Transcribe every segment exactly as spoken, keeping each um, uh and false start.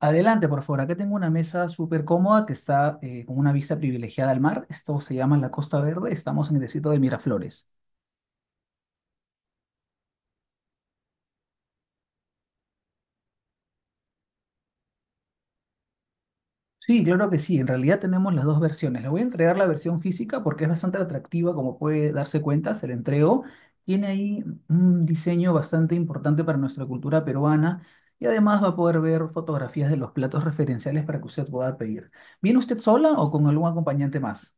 Adelante, por favor. Acá tengo una mesa súper cómoda que está eh, con una vista privilegiada al mar. Esto se llama la Costa Verde. Estamos en el distrito de Miraflores. Sí, claro que sí. En realidad tenemos las dos versiones. Le voy a entregar la versión física porque es bastante atractiva, como puede darse cuenta. Se la entrego. Tiene ahí un diseño bastante importante para nuestra cultura peruana y además va a poder ver fotografías de los platos referenciales para que usted pueda pedir. ¿Viene usted sola o con algún acompañante más?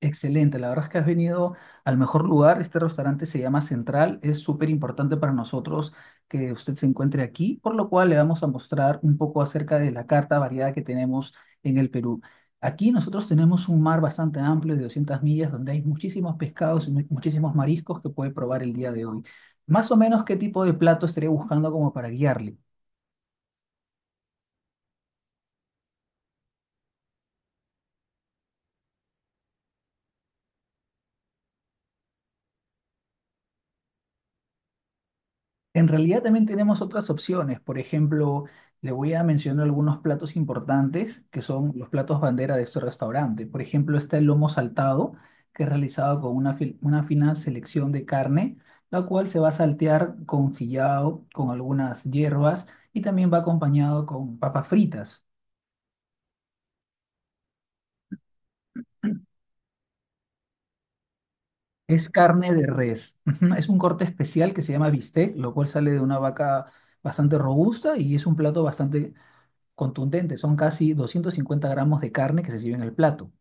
Excelente, la verdad es que has venido al mejor lugar. Este restaurante se llama Central. Es súper importante para nosotros que usted se encuentre aquí, por lo cual le vamos a mostrar un poco acerca de la carta variada que tenemos en el Perú. Aquí nosotros tenemos un mar bastante amplio de doscientas millas donde hay muchísimos pescados y mu- muchísimos mariscos que puede probar el día de hoy. Más o menos, ¿qué tipo de plato estaría buscando como para guiarle? En realidad también tenemos otras opciones. Por ejemplo, le voy a mencionar algunos platos importantes que son los platos bandera de este restaurante. Por ejemplo, está el lomo saltado, que es realizado con una, fil- una fina selección de carne, la cual se va a saltear con sillao, con algunas hierbas y también va acompañado con papas fritas. Es carne de res. Ujú, Es un corte especial que se llama bistec, lo cual sale de una vaca bastante robusta y es un plato bastante contundente, son casi doscientos cincuenta gramos de carne que se sirve en el plato.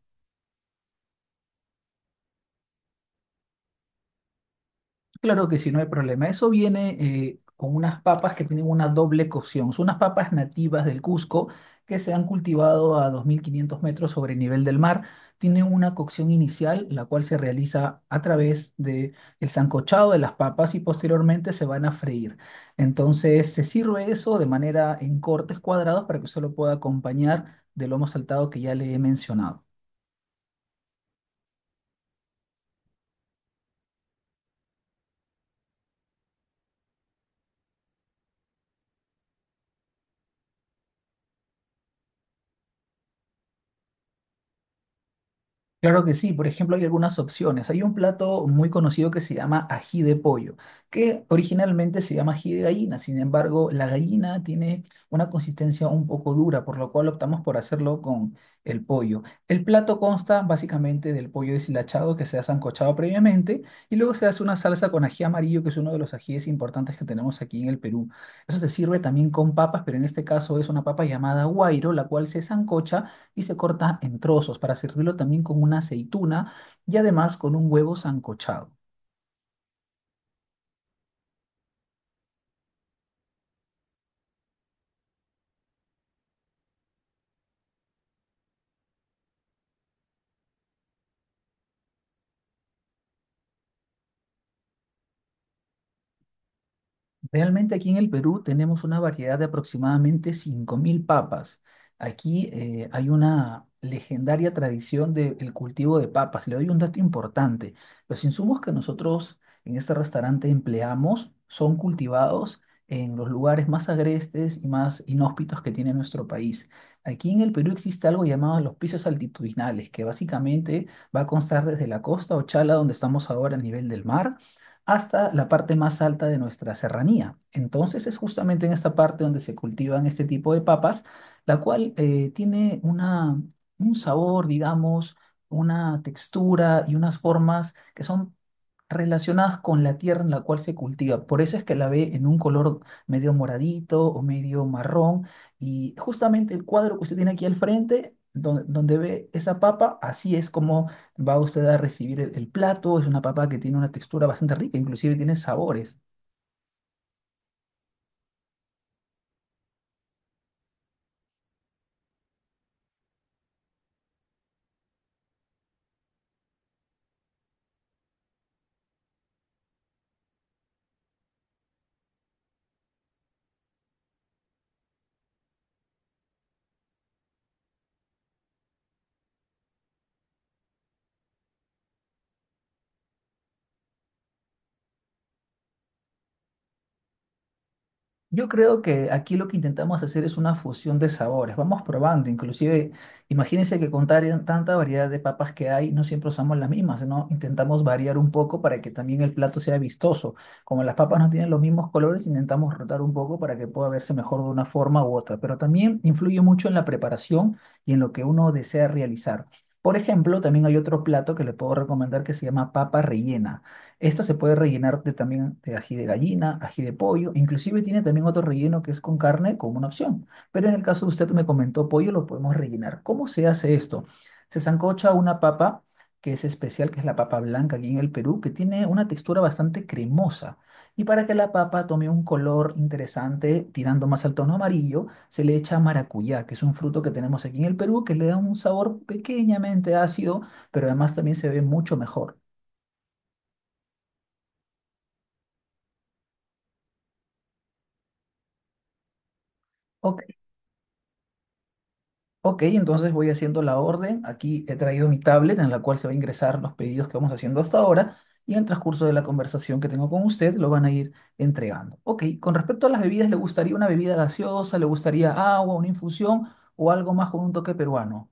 Claro que sí, no hay problema. Eso viene eh, con unas papas que tienen una doble cocción. Son unas papas nativas del Cusco que se han cultivado a dos mil quinientos metros sobre el nivel del mar. Tienen una cocción inicial, la cual se realiza a través del sancochado de las papas y posteriormente se van a freír. Entonces se sirve eso de manera en cortes cuadrados para que usted lo pueda acompañar del lomo saltado que ya le he mencionado. Claro que sí, por ejemplo, hay algunas opciones. Hay un plato muy conocido que se llama ají de pollo, que originalmente se llama ají de gallina, sin embargo, la gallina tiene una consistencia un poco dura, por lo cual optamos por hacerlo con el pollo. El plato consta básicamente del pollo deshilachado que se ha sancochado previamente y luego se hace una salsa con ají amarillo, que es uno de los ajíes importantes que tenemos aquí en el Perú. Eso se sirve también con papas, pero en este caso es una papa llamada guairo, la cual se sancocha y se corta en trozos para servirlo también con una aceituna y además con un huevo sancochado. Realmente aquí en el Perú tenemos una variedad de aproximadamente cinco mil papas. Aquí eh, hay una legendaria tradición del cultivo de papas. Le doy un dato importante. Los insumos que nosotros en este restaurante empleamos son cultivados en los lugares más agrestes y más inhóspitos que tiene nuestro país. Aquí en el Perú existe algo llamado los pisos altitudinales, que básicamente va a constar desde la costa Ochala, donde estamos ahora a nivel del mar, hasta la parte más alta de nuestra serranía. Entonces es justamente en esta parte donde se cultivan este tipo de papas, la cual eh, tiene una, un sabor, digamos, una textura y unas formas que son relacionadas con la tierra en la cual se cultiva. Por eso es que la ve en un color medio moradito o medio marrón. Y justamente el cuadro que usted tiene aquí al frente, donde, donde ve esa papa, así es como va usted a recibir el, el plato, es una papa que tiene una textura bastante rica, inclusive tiene sabores. Yo creo que aquí lo que intentamos hacer es una fusión de sabores. Vamos probando, inclusive, imagínense que con tari- tanta variedad de papas que hay, no siempre usamos las mismas, ¿no? Intentamos variar un poco para que también el plato sea vistoso. Como las papas no tienen los mismos colores, intentamos rotar un poco para que pueda verse mejor de una forma u otra. Pero también influye mucho en la preparación y en lo que uno desea realizar. Por ejemplo, también hay otro plato que le puedo recomendar que se llama papa rellena. Esta se puede rellenar de, también de ají de gallina, ají de pollo, inclusive tiene también otro relleno que es con carne como una opción. Pero en el caso de usted me comentó pollo, lo podemos rellenar. ¿Cómo se hace esto? Se sancocha una papa que es especial, que es la papa blanca aquí en el Perú, que tiene una textura bastante cremosa. Y para que la papa tome un color interesante, tirando más al tono amarillo, se le echa maracuyá, que es un fruto que tenemos aquí en el Perú, que le da un sabor pequeñamente ácido, pero además también se ve mucho mejor. Ok, Ok, entonces voy haciendo la orden. Aquí he traído mi tablet en la cual se va a ingresar los pedidos que vamos haciendo hasta ahora y en el transcurso de la conversación que tengo con usted lo van a ir entregando. Ok, con respecto a las bebidas, ¿le gustaría una bebida gaseosa? ¿Le gustaría agua, una infusión o algo más con un toque peruano?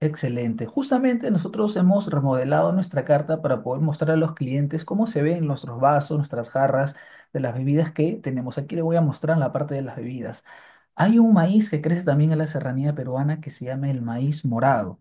Excelente. Justamente nosotros hemos remodelado nuestra carta para poder mostrar a los clientes cómo se ven nuestros vasos, nuestras jarras de las bebidas que tenemos. Aquí le voy a mostrar la parte de las bebidas. Hay un maíz que crece también en la serranía peruana que se llama el maíz morado.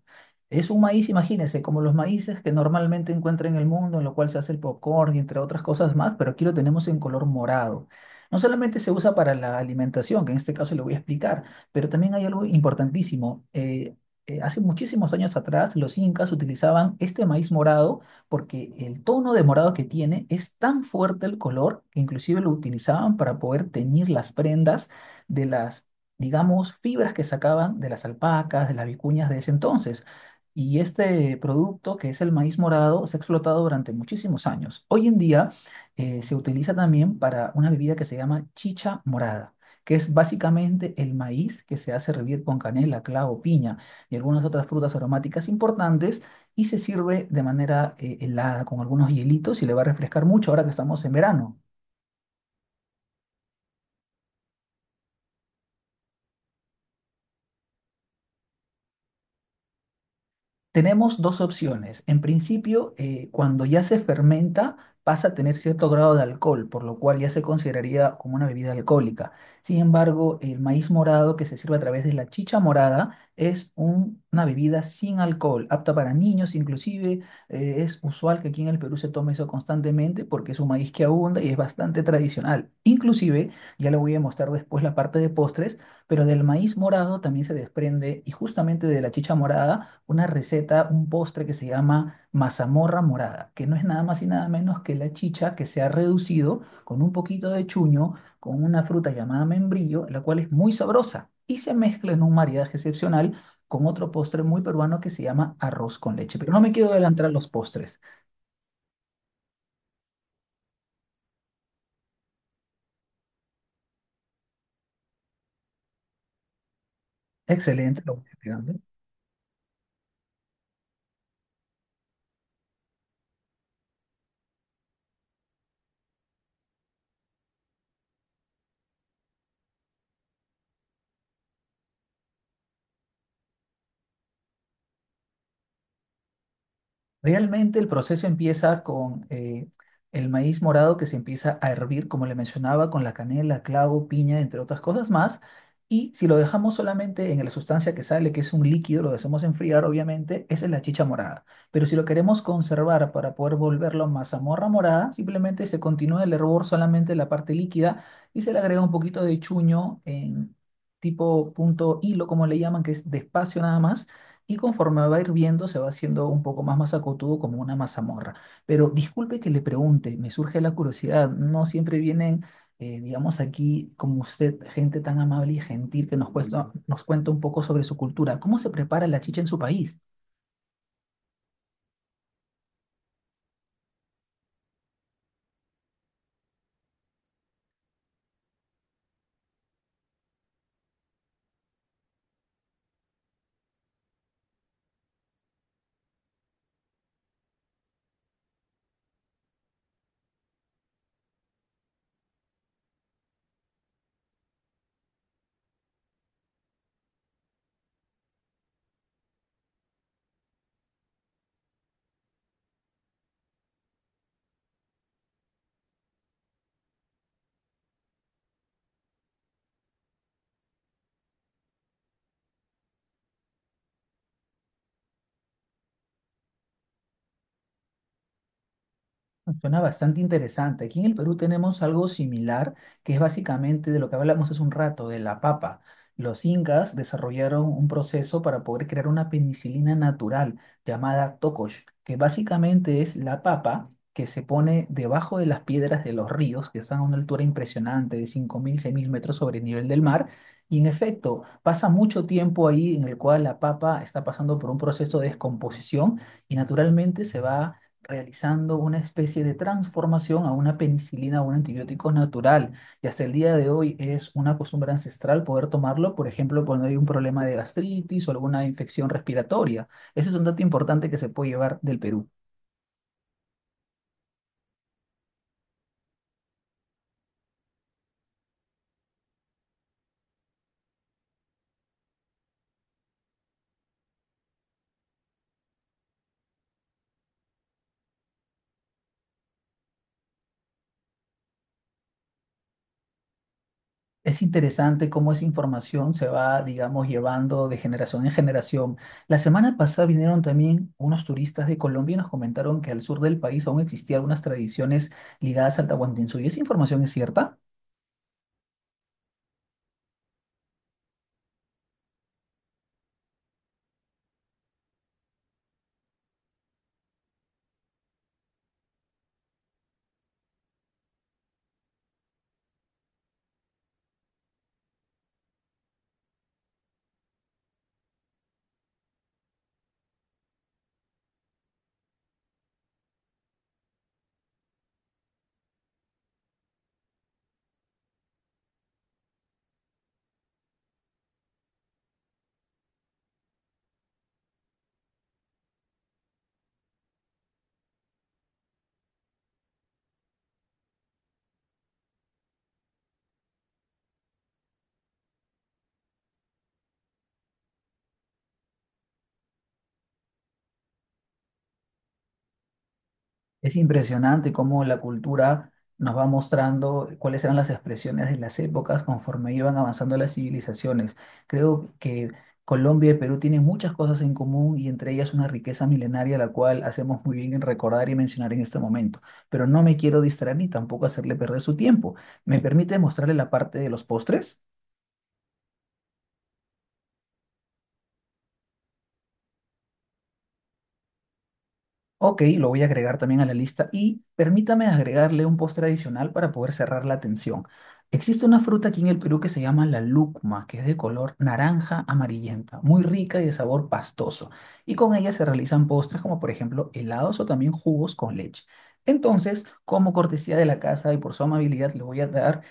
Es un maíz, imagínense, como los maíces que normalmente encuentran en el mundo, en lo cual se hace el popcorn y entre otras cosas más, pero aquí lo tenemos en color morado. No solamente se usa para la alimentación, que en este caso le voy a explicar, pero también hay algo importantísimo. Eh, eh, hace muchísimos años atrás los incas utilizaban este maíz morado porque el tono de morado que tiene es tan fuerte el color que inclusive lo utilizaban para poder teñir las prendas de las, digamos, fibras que sacaban de las alpacas, de las vicuñas de ese entonces. Y este producto, que es el maíz morado, se ha explotado durante muchísimos años. Hoy en día eh, se utiliza también para una bebida que se llama chicha morada, que es básicamente el maíz que se hace hervir con canela, clavo, piña y algunas otras frutas aromáticas importantes y se sirve de manera eh, helada con algunos hielitos y le va a refrescar mucho ahora que estamos en verano. Tenemos dos opciones. En principio, eh, cuando ya se fermenta, pasa a tener cierto grado de alcohol, por lo cual ya se consideraría como una bebida alcohólica. Sin embargo, el maíz morado que se sirve a través de la chicha morada es un- una bebida sin alcohol, apta para niños inclusive. eh, es usual que aquí en el Perú se tome eso constantemente porque es un maíz que abunda y es bastante tradicional. Inclusive, ya le voy a mostrar después la parte de postres, pero del maíz morado también se desprende y justamente de la chicha morada una receta, un postre que se llama mazamorra morada, que no es nada más y nada menos que la chicha que se ha reducido con un poquito de chuño, con una fruta llamada membrillo, la cual es muy sabrosa y se mezcla en un maridaje excepcional con otro postre muy peruano que se llama arroz con leche. Pero no me quiero adelantar a los postres. Excelente. Lo voy a pegar. Realmente el proceso empieza con eh, el maíz morado que se empieza a hervir, como le mencionaba, con la canela, clavo, piña, entre otras cosas más. Y si lo dejamos solamente en la sustancia que sale, que es un líquido, lo dejamos enfriar, obviamente, esa es la chicha morada. Pero si lo queremos conservar para poder volverlo mazamorra morada, simplemente se continúa el hervor solamente en la parte líquida y se le agrega un poquito de chuño en tipo punto hilo, como le llaman, que es despacio nada más y conforme va hirviendo se va haciendo un poco más masacotudo como una mazamorra. Pero disculpe que le pregunte, me surge la curiosidad, no siempre vienen, eh, digamos aquí como usted, gente tan amable y gentil que nos cuesta, nos cuenta un poco sobre su cultura. ¿Cómo se prepara la chicha en su país? Suena bastante interesante. Aquí en el Perú tenemos algo similar, que es básicamente de lo que hablamos hace un rato, de la papa. Los incas desarrollaron un proceso para poder crear una penicilina natural llamada tocosh, que básicamente es la papa que se pone debajo de las piedras de los ríos, que están a una altura impresionante de cinco mil, seis mil metros sobre el nivel del mar. Y en efecto, pasa mucho tiempo ahí en el cual la papa está pasando por un proceso de descomposición y naturalmente se va realizando una especie de transformación a una penicilina o un antibiótico natural. Y hasta el día de hoy es una costumbre ancestral poder tomarlo, por ejemplo, cuando hay un problema de gastritis o alguna infección respiratoria. Ese es un dato importante que se puede llevar del Perú. Es interesante cómo esa información se va, digamos, llevando de generación en generación. La semana pasada vinieron también unos turistas de Colombia y nos comentaron que al sur del país aún existían algunas tradiciones ligadas al Tahuantinsuyo. ¿Esa información es cierta? Es impresionante cómo la cultura nos va mostrando cuáles eran las expresiones de las épocas conforme iban avanzando las civilizaciones. Creo que Colombia y Perú tienen muchas cosas en común y entre ellas una riqueza milenaria la cual hacemos muy bien en recordar y mencionar en este momento. Pero no me quiero distraer ni tampoco hacerle perder su tiempo. ¿Me permite mostrarle la parte de los postres? Ok, lo voy a agregar también a la lista y permítame agregarle un postre adicional para poder cerrar la tensión. Existe una fruta aquí en el Perú que se llama la lúcuma, que es de color naranja amarillenta, muy rica y de sabor pastoso. Y con ella se realizan postres como por ejemplo helados o también jugos con leche. Entonces, como cortesía de la casa y por su amabilidad, le voy a dar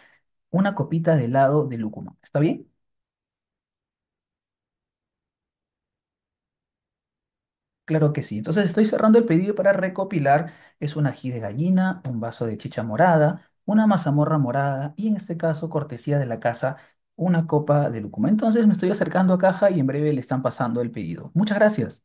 una copita de helado de lúcuma. ¿Está bien? Claro que sí. Entonces estoy cerrando el pedido para recopilar. Es un ají de gallina, un vaso de chicha morada, una mazamorra morada y en este caso, cortesía de la casa, una copa de lúcuma. Entonces me estoy acercando a caja y en breve le están pasando el pedido. Muchas gracias.